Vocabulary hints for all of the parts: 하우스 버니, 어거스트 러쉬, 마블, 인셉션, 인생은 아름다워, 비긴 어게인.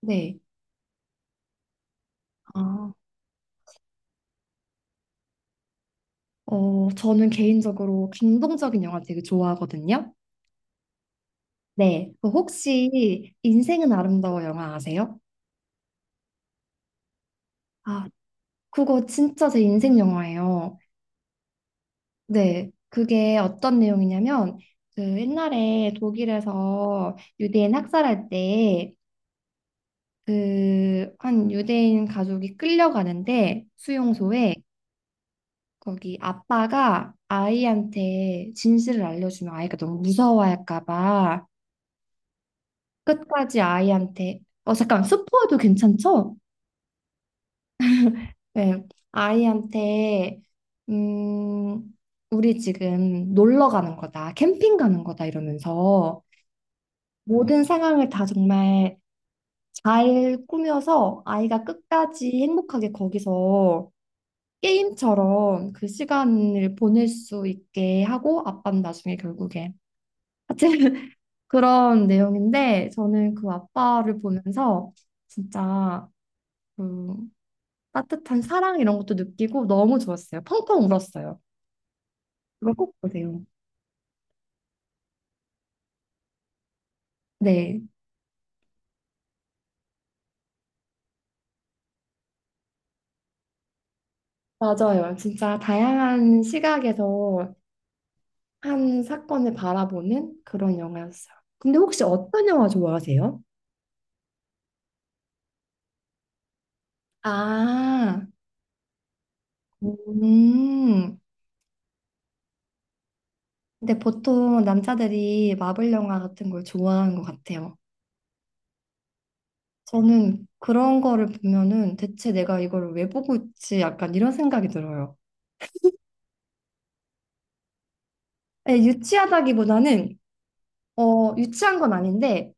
네. 아, 저는 개인적으로 감동적인 영화 되게 좋아하거든요. 네. 그 혹시 인생은 아름다워 영화 아세요? 아, 그거 진짜 제 인생 영화예요. 네. 그게 어떤 내용이냐면, 그 옛날에 독일에서 유대인 학살할 때, 그, 한 유대인 가족이 끌려가는데, 수용소에, 거기 아빠가 아이한테 진실을 알려주면 아이가 너무 무서워할까 봐, 끝까지 아이한테 잠깐 스포해도 괜찮죠? 네. 아이한테 음 우리 지금 놀러 가는 거다 캠핑 가는 거다 이러면서 모든 상황을 다 정말 잘 꾸며서 아이가 끝까지 행복하게 거기서 게임처럼 그 시간을 보낼 수 있게 하고 아빠는 나중에 결국에 하여튼 그런 내용인데 저는 그 아빠를 보면서 진짜 그 따뜻한 사랑 이런 것도 느끼고 너무 좋았어요. 펑펑 울었어요. 그거 꼭 보세요. 네, 맞아요. 진짜 다양한 시각에서 한 사건을 바라보는 그런 영화였어요. 근데 혹시 어떤 영화 좋아하세요? 아, 음. 근데 보통 남자들이 마블 영화 같은 걸 좋아하는 것 같아요. 저는 그런 거를 보면은 대체 내가 이걸 왜 보고 있지? 약간 이런 생각이 들어요. 예, 유치하다기보다는, 유치한 건 아닌데,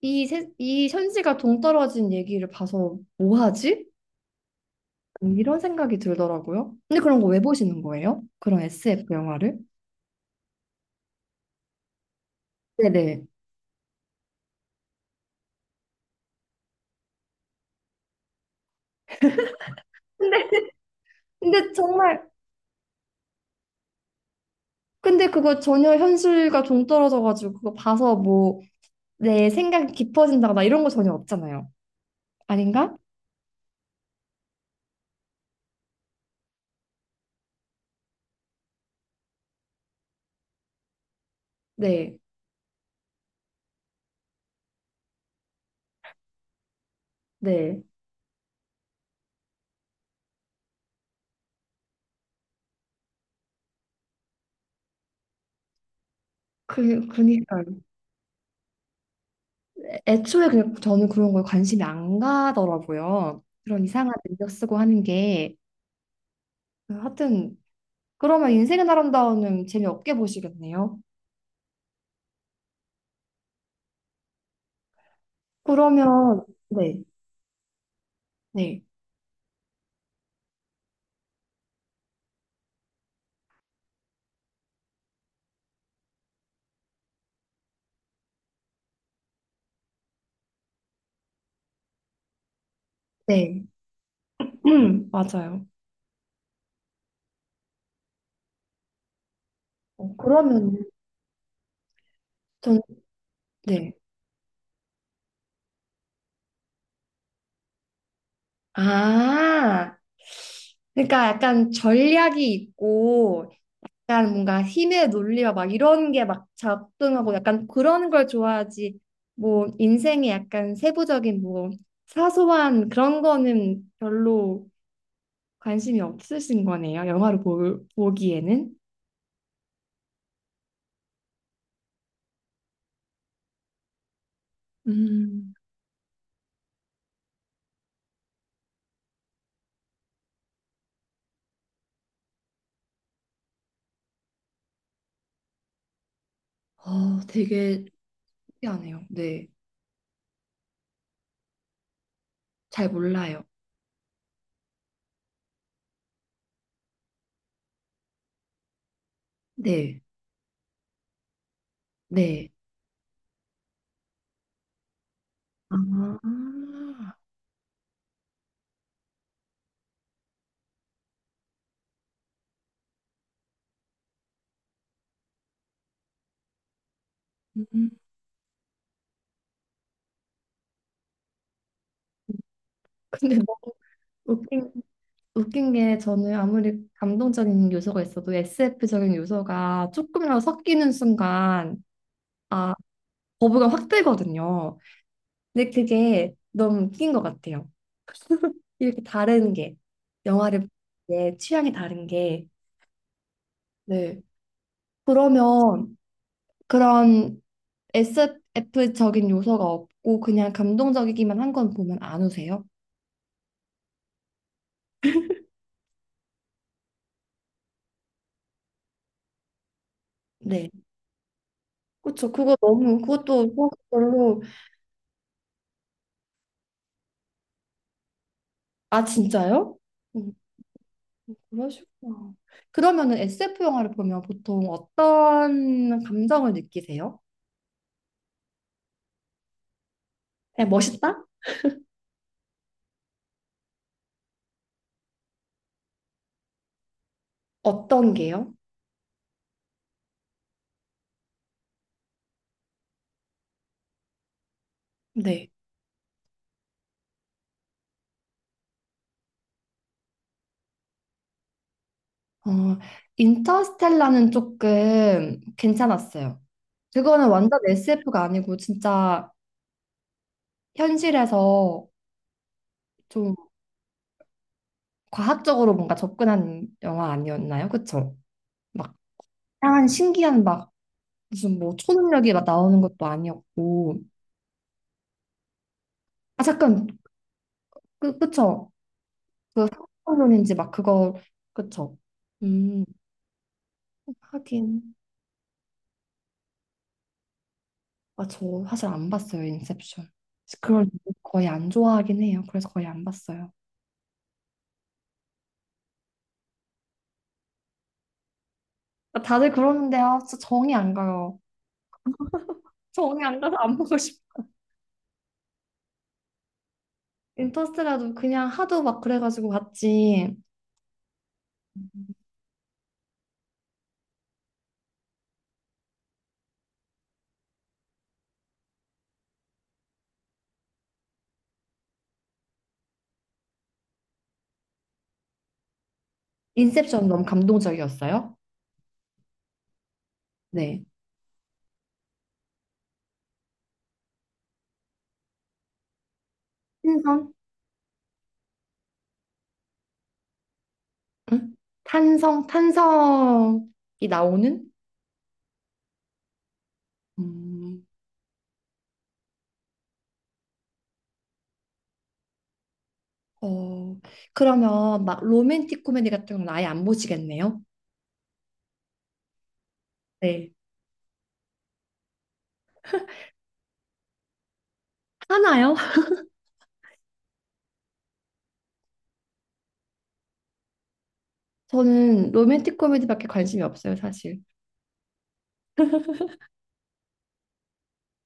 이 현지가 동떨어진 얘기를 봐서 뭐 하지? 이런 생각이 들더라고요. 근데 그런 거 왜 보시는 거예요? 그런 SF 영화를? 네네. 근데, 근데 정말, 근데 그거 전혀 현실과 동떨어져가지고 그거 봐서 뭐 내 생각이 깊어진다거나 이런 거 전혀 없잖아요. 아닌가? 네, 네. 그니까요. 애초에 그냥 저는 그런 거에 관심이 안 가더라고요. 그런 이상한 능력 쓰고 하는 게. 하여튼 그러면 인생은 아름다워는 재미없게 보시겠네요. 그러면 네, 네, 네, 맞아요. 그러면 저는 네. 아, 그러니까 약간 전략이 있고, 약간 뭔가 힘의 논리와 막 이런 게 막 작동하고 약간 그런 걸 좋아하지. 뭐 인생의 약간 세부적인 뭐 사소한 그런 거는 별로 관심이 없으신 거네요. 영화를 볼, 보기에는. 음, 되게 특이하네요. 네. 잘 몰라요. 네. 네. 아, 음. 근데 너무 웃긴, 웃긴 게 저는 아무리 감동적인 요소가 있어도 SF적인 요소가 조금이라도 섞이는 순간 아, 거부감 확 들거든요. 근데 그게 너무 웃긴 것 같아요. 이렇게 다른 게 영화를 보는 게 취향이 다른 게 네. 그러면 그런 SF적인 요소가 없고 그냥 감동적이기만 한 건 보면 안 우세요? 네. 그쵸. 그거 너무, 그것도 별로, 아, 진짜요? 음, 그러시구나. 그러면은 SF 영화를 보면 보통 어떤 감정을 느끼세요? 그냥 멋있다? 어떤 게요? 네. 어, 인터스텔라는 조금 괜찮았어요. 그거는 완전 SF가 아니고 진짜 현실에서 좀 과학적으로 뭔가 접근한 영화 아니었나요? 그쵸? 막 다양한 신기한 막 무슨 뭐 초능력이 막 나오는 것도 아니었고 아 잠깐 그쵸 그 상상론인지 막 그거 그쵸 음 하긴 아 저 사실 안 봤어요 인셉션 그걸 거의 안 좋아하긴 해요 그래서 거의 안 봤어요 아, 다들 그러는데 진짜 정이 안 가요 정이 안 가서 안 보고 싶어 인터스텔라도 그냥 하도 막 그래가지고 봤지 인셉션 너무 감동적이었어요 네 탄성 응? 탄성이 나오는 음. 어, 그러면 막 로맨틱 코미디 같은 건 아예 안 보시겠네요? 네. 하나요? 저는 로맨틱 코미디밖에 관심이 없어요, 사실.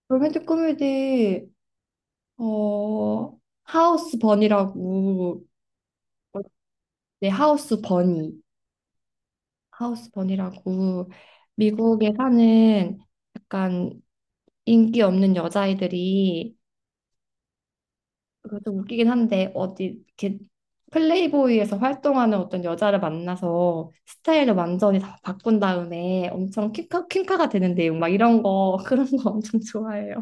로맨틱 코미디, 어, 하우스 버니라고, 네, 하우스 버니. 하우스 버니라고, 미국에 사는 약간 인기 없는 여자아이들이 그거 좀 웃기긴 한데 어디 이렇게 플레이보이에서 활동하는 어떤 여자를 만나서 스타일을 완전히 다 바꾼 다음에 엄청 퀸카, 퀸카가 되는 내용 막 이런 거 그런 거 엄청 좋아해요.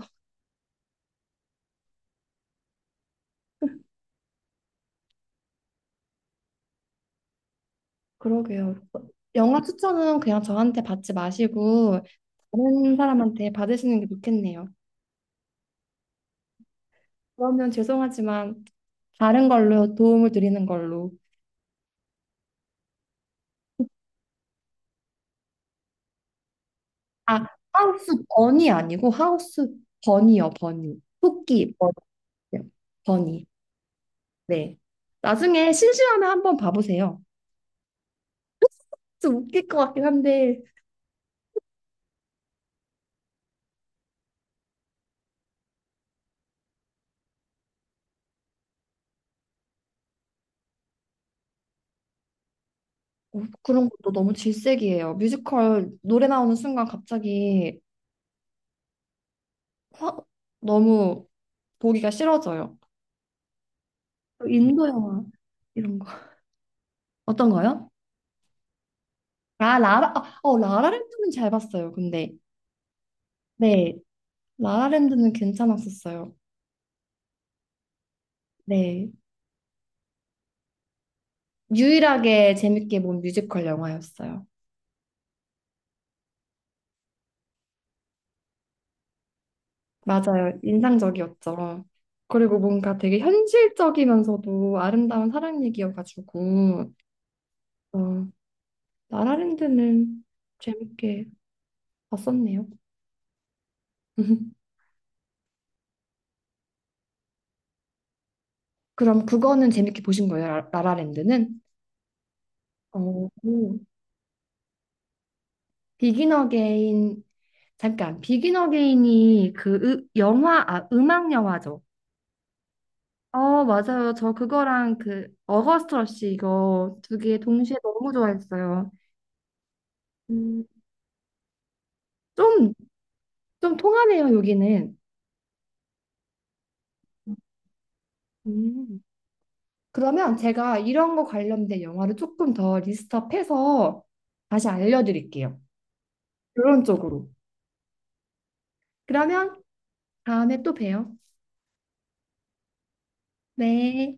그러게요. 영화 추천은 그냥 저한테 받지 마시고 다른 사람한테 받으시는 게 좋겠네요. 그러면 죄송하지만 다른 걸로 도움을 드리는 걸로. 아, 하우스 버니 아니고 하우스 버니요, 버니. 토끼 버니요, 버니. 네. 나중에 심심하면 한번 봐보세요. 좀 웃길 것 같긴 한데 그런 것도 너무 질색이에요. 뮤지컬 노래 나오는 순간 갑자기 화, 너무 보기가 싫어져요. 인도 영화 이런 거 어떤 거요? 아 라라 아, 어 라라랜드는 잘 봤어요. 근데 네 라라랜드는 괜찮았었어요. 네 유일하게 재밌게 본 뮤지컬 영화였어요. 맞아요. 인상적이었죠. 그리고 뭔가 되게 현실적이면서도 아름다운 사랑 얘기여가지고, 어, 라라랜드는 재밌게 봤었네요. 그럼 그거는 재밌게 보신 거예요, 라- 라라랜드는? 어, 오. 비긴 어게인, 잠깐, 비긴 어게인이 아, 음악 영화죠. 어, 맞아요. 저 그거랑 그 어거스트 러쉬 이거 두 개 동시에 너무 좋아했어요. 음, 좀, 좀 통하네요, 여기는. 음. 그러면 제가 이런 거 관련된 영화를 조금 더 리스트업해서 다시 알려드릴게요. 이런 쪽으로. 그러면 다음에 또 봬요. 네.